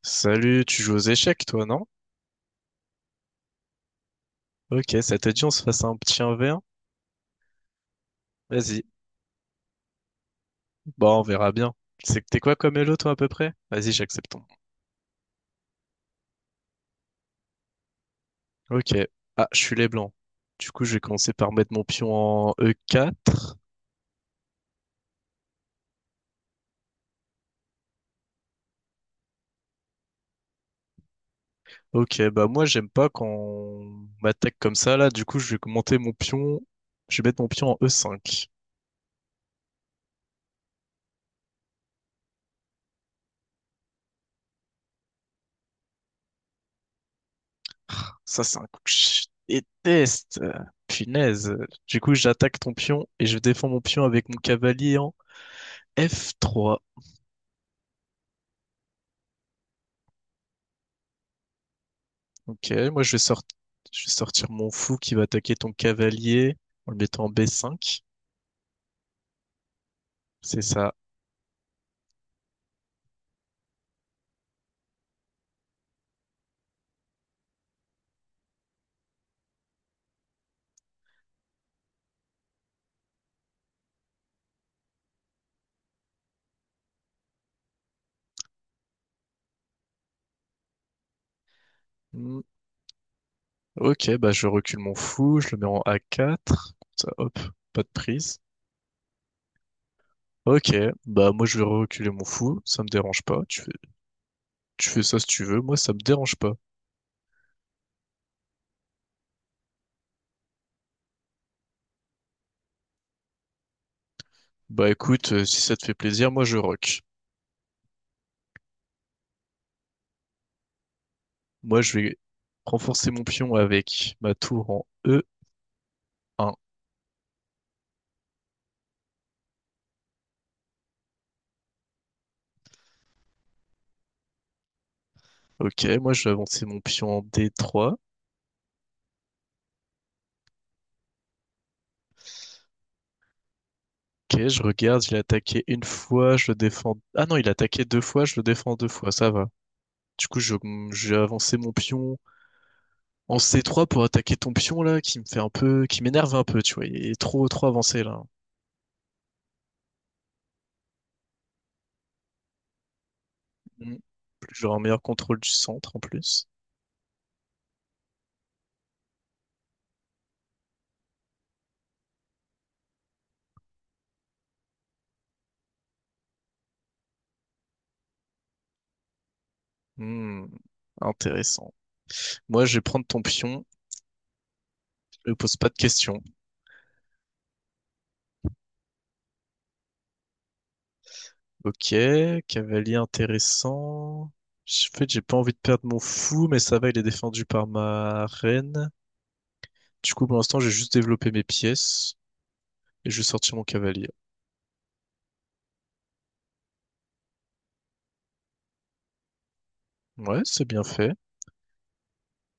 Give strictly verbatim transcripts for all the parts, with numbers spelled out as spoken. Salut, tu joues aux échecs, toi, non? Ok, ça te dit on se fasse un petit un v un? Vas-y. Bon, on verra bien. C'est que t'es quoi comme Elo, toi, à peu près? Vas-y, j'accepte ton. Ok. Ah, je suis les blancs. Du coup, je vais commencer par mettre mon pion en E quatre. Ok, bah moi, j'aime pas quand on m'attaque comme ça, là. Du coup, je vais monter mon pion. Je vais mettre mon pion en E cinq. Ça, c'est un coup que je déteste. Punaise. Du coup, j'attaque ton pion et je défends mon pion avec mon cavalier en F trois. Ok, moi je vais sortir, je vais sortir mon fou qui va attaquer ton cavalier en le mettant en B cinq. C'est ça. Hmm. Ok, bah je recule mon fou, je le mets en A quatre. Comme ça, hop, pas de prise. Ok, bah moi je vais reculer mon fou, ça me dérange pas. Tu fais, tu fais ça si tu veux, moi ça me dérange pas. Bah écoute, euh, si ça te fait plaisir, moi je rock. Moi je vais renforcer mon pion avec ma tour en E un. Ok, moi je vais avancer mon pion en D trois. Ok, je regarde, il a attaqué une fois, je le défends. Ah non, il a attaqué deux fois, je le défends deux fois, ça va. Du coup, je, j'ai avancé mon pion en C trois pour attaquer ton pion là, qui me fait un peu, qui m'énerve un peu, tu vois. Il est trop, trop avancé là. Hmm. J'aurai un meilleur contrôle du centre en plus. Hmm. Intéressant. Moi, je vais prendre ton pion, je pose pas de questions. Ok, cavalier intéressant. En fait, j'ai pas envie de perdre mon fou, mais ça va, il est défendu par ma reine. Du coup, pour l'instant, j'ai juste développé mes pièces et je vais sortir mon cavalier. Ouais, c'est bien fait.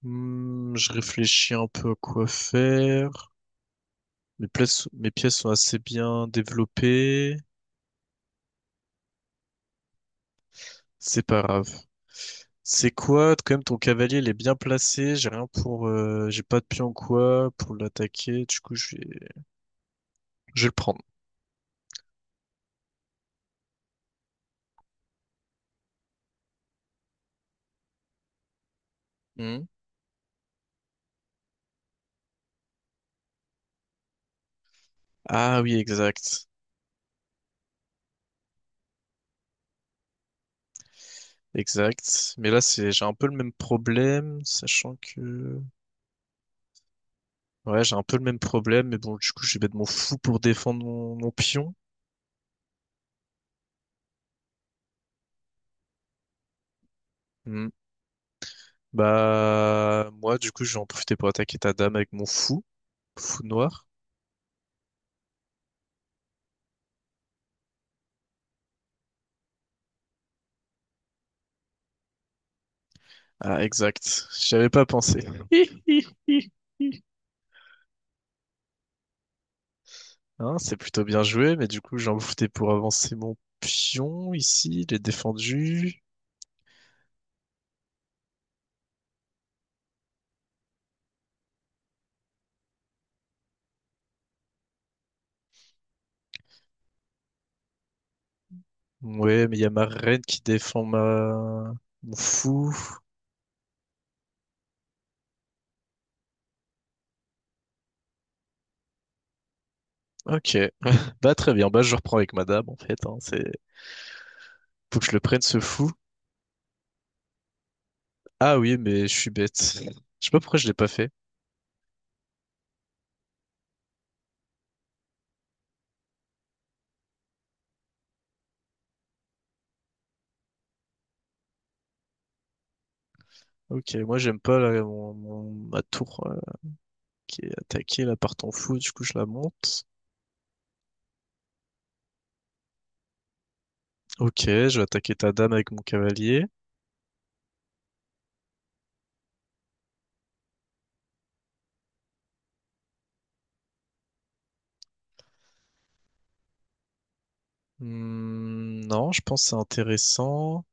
Hmm, je réfléchis un peu à quoi faire. Mes pièces, mes pièces sont assez bien développées. C'est pas grave. C'est quoi? Quand même, ton cavalier, il est bien placé. J'ai rien pour, euh, j'ai pas de pion ou quoi pour l'attaquer. Du coup, je vais, je vais le prendre. Hmm. Ah oui, exact. Exact. Mais là, c'est, j'ai un peu le même problème, sachant que ouais, j'ai un peu le même problème, mais bon, du coup, je vais être mon fou pour défendre mon, mon pion. Hmm. Bah, moi, du coup, je vais en profiter pour attaquer ta dame avec mon fou, fou noir. Ah, exact. J'y avais pas pensé. Hi, hi. Hein, c'est plutôt bien joué, mais du coup, j'ai en profiter pour avancer mon pion ici. Il est défendu. Ouais, mais il y a ma reine qui défend ma... mon fou. Ok. Bah, très bien. Bah, je reprends avec ma dame, en fait. Hein. C'est... Faut que je le prenne, ce fou. Ah oui, mais je suis bête. Je sais pas pourquoi je l'ai pas fait. Ok, moi j'aime pas là, mon, mon- ma tour euh, qui est attaquée là par ton fou, du coup je la monte. Ok, je vais attaquer ta dame avec mon cavalier. Hmm, non, je pense que c'est intéressant.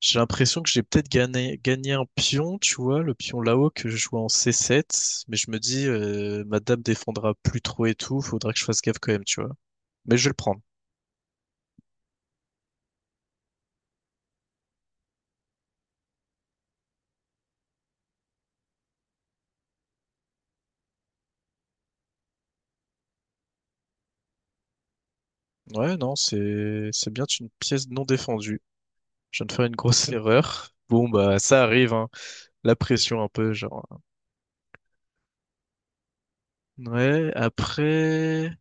J'ai l'impression que j'ai peut-être gagné, gagné un pion, tu vois, le pion là-haut que je jouais en C sept, mais je me dis, euh, ma dame défendra plus trop et tout, faudra que je fasse gaffe quand même, tu vois. Mais je vais le prendre. Ouais, non, c'est c'est bien une pièce non défendue. Je viens de faire une grosse erreur. Bon, bah, ça arrive, hein. La pression un peu, genre. Hein. Ouais, après,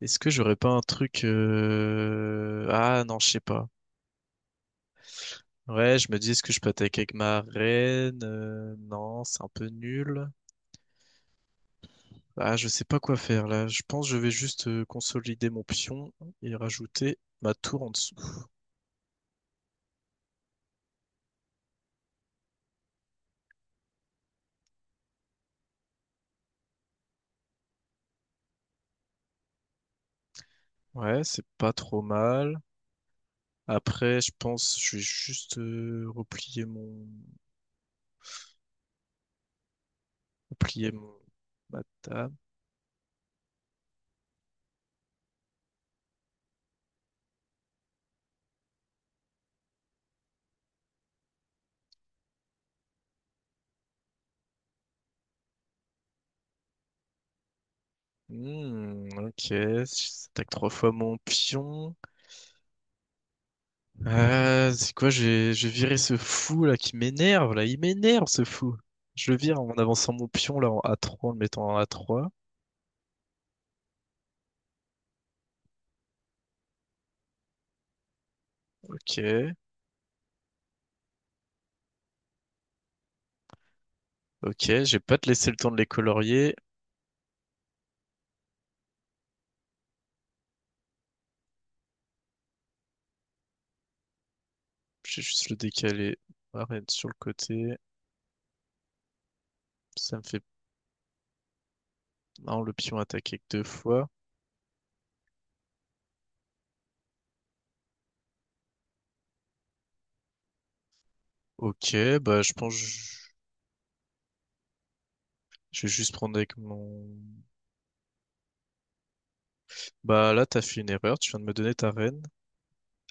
est-ce que j'aurais pas un truc... euh, ah non, je sais pas. Ouais, je me dis, est-ce que je peux attaquer avec ma reine? Euh, Non, c'est un peu nul. Ah, je sais pas quoi faire là. Je pense que je vais juste euh, consolider mon pion et rajouter ma tour en dessous. Ouais, c'est pas trop mal. Après, je pense que je vais juste euh, replier mon replier mon ma table. Hmm, ok, j'attaque trois fois mon pion. Ah, c'est quoi? J'ai j'ai viré ce fou là qui m'énerve là. Il m'énerve ce fou. Je le vire en avançant mon pion là en A trois, en le mettant en A trois. Ok. Ok, je vais pas te laisser le temps de les colorier. J'ai juste le décalé. Arrête sur le côté. Ça me fait non, le pion attaqué que deux fois. Ok, bah je pense que je je vais juste prendre avec mon... Bah là, t'as fait une erreur, tu viens de me donner ta reine.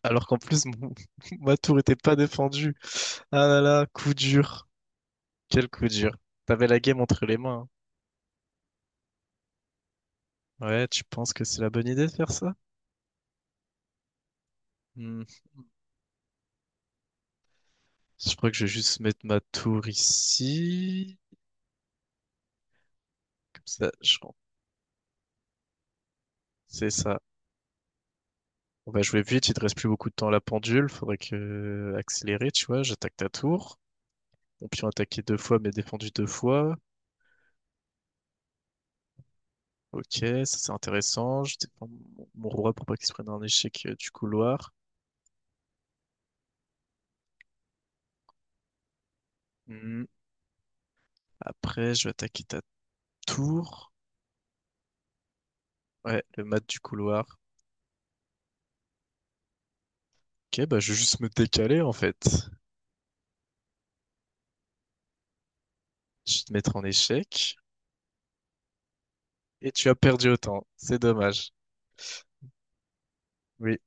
Alors qu'en plus, mon... ma tour était pas défendue. Ah là là, coup dur. Quel coup dur. T'avais la game entre les mains. Hein. Ouais, tu penses que c'est la bonne idée de faire ça? Hmm. Je crois que je vais juste mettre ma tour ici. Comme ça, je... C'est ça. On va jouer vite, il te reste plus beaucoup de temps à la pendule, faudrait que euh, accélérer, tu vois, j'attaque ta tour. Mon pion attaqué deux fois, mais défendu deux fois. Ok, ça c'est intéressant. Je défends mon mon roi pour pas qu'il se prenne un échec euh, du couloir. Hmm. Après, je vais attaquer ta tour. Ouais, le mat du couloir. Ok, bah je vais juste me décaler en fait. Je vais te mettre en échec. Et tu as perdu autant. C'est dommage. Oui,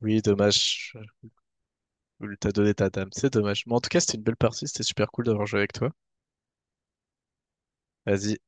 oui, dommage. Je voulais t'a donné ta dame. C'est dommage. Mais en tout cas, c'était une belle partie. C'était super cool d'avoir joué avec toi. Vas-y,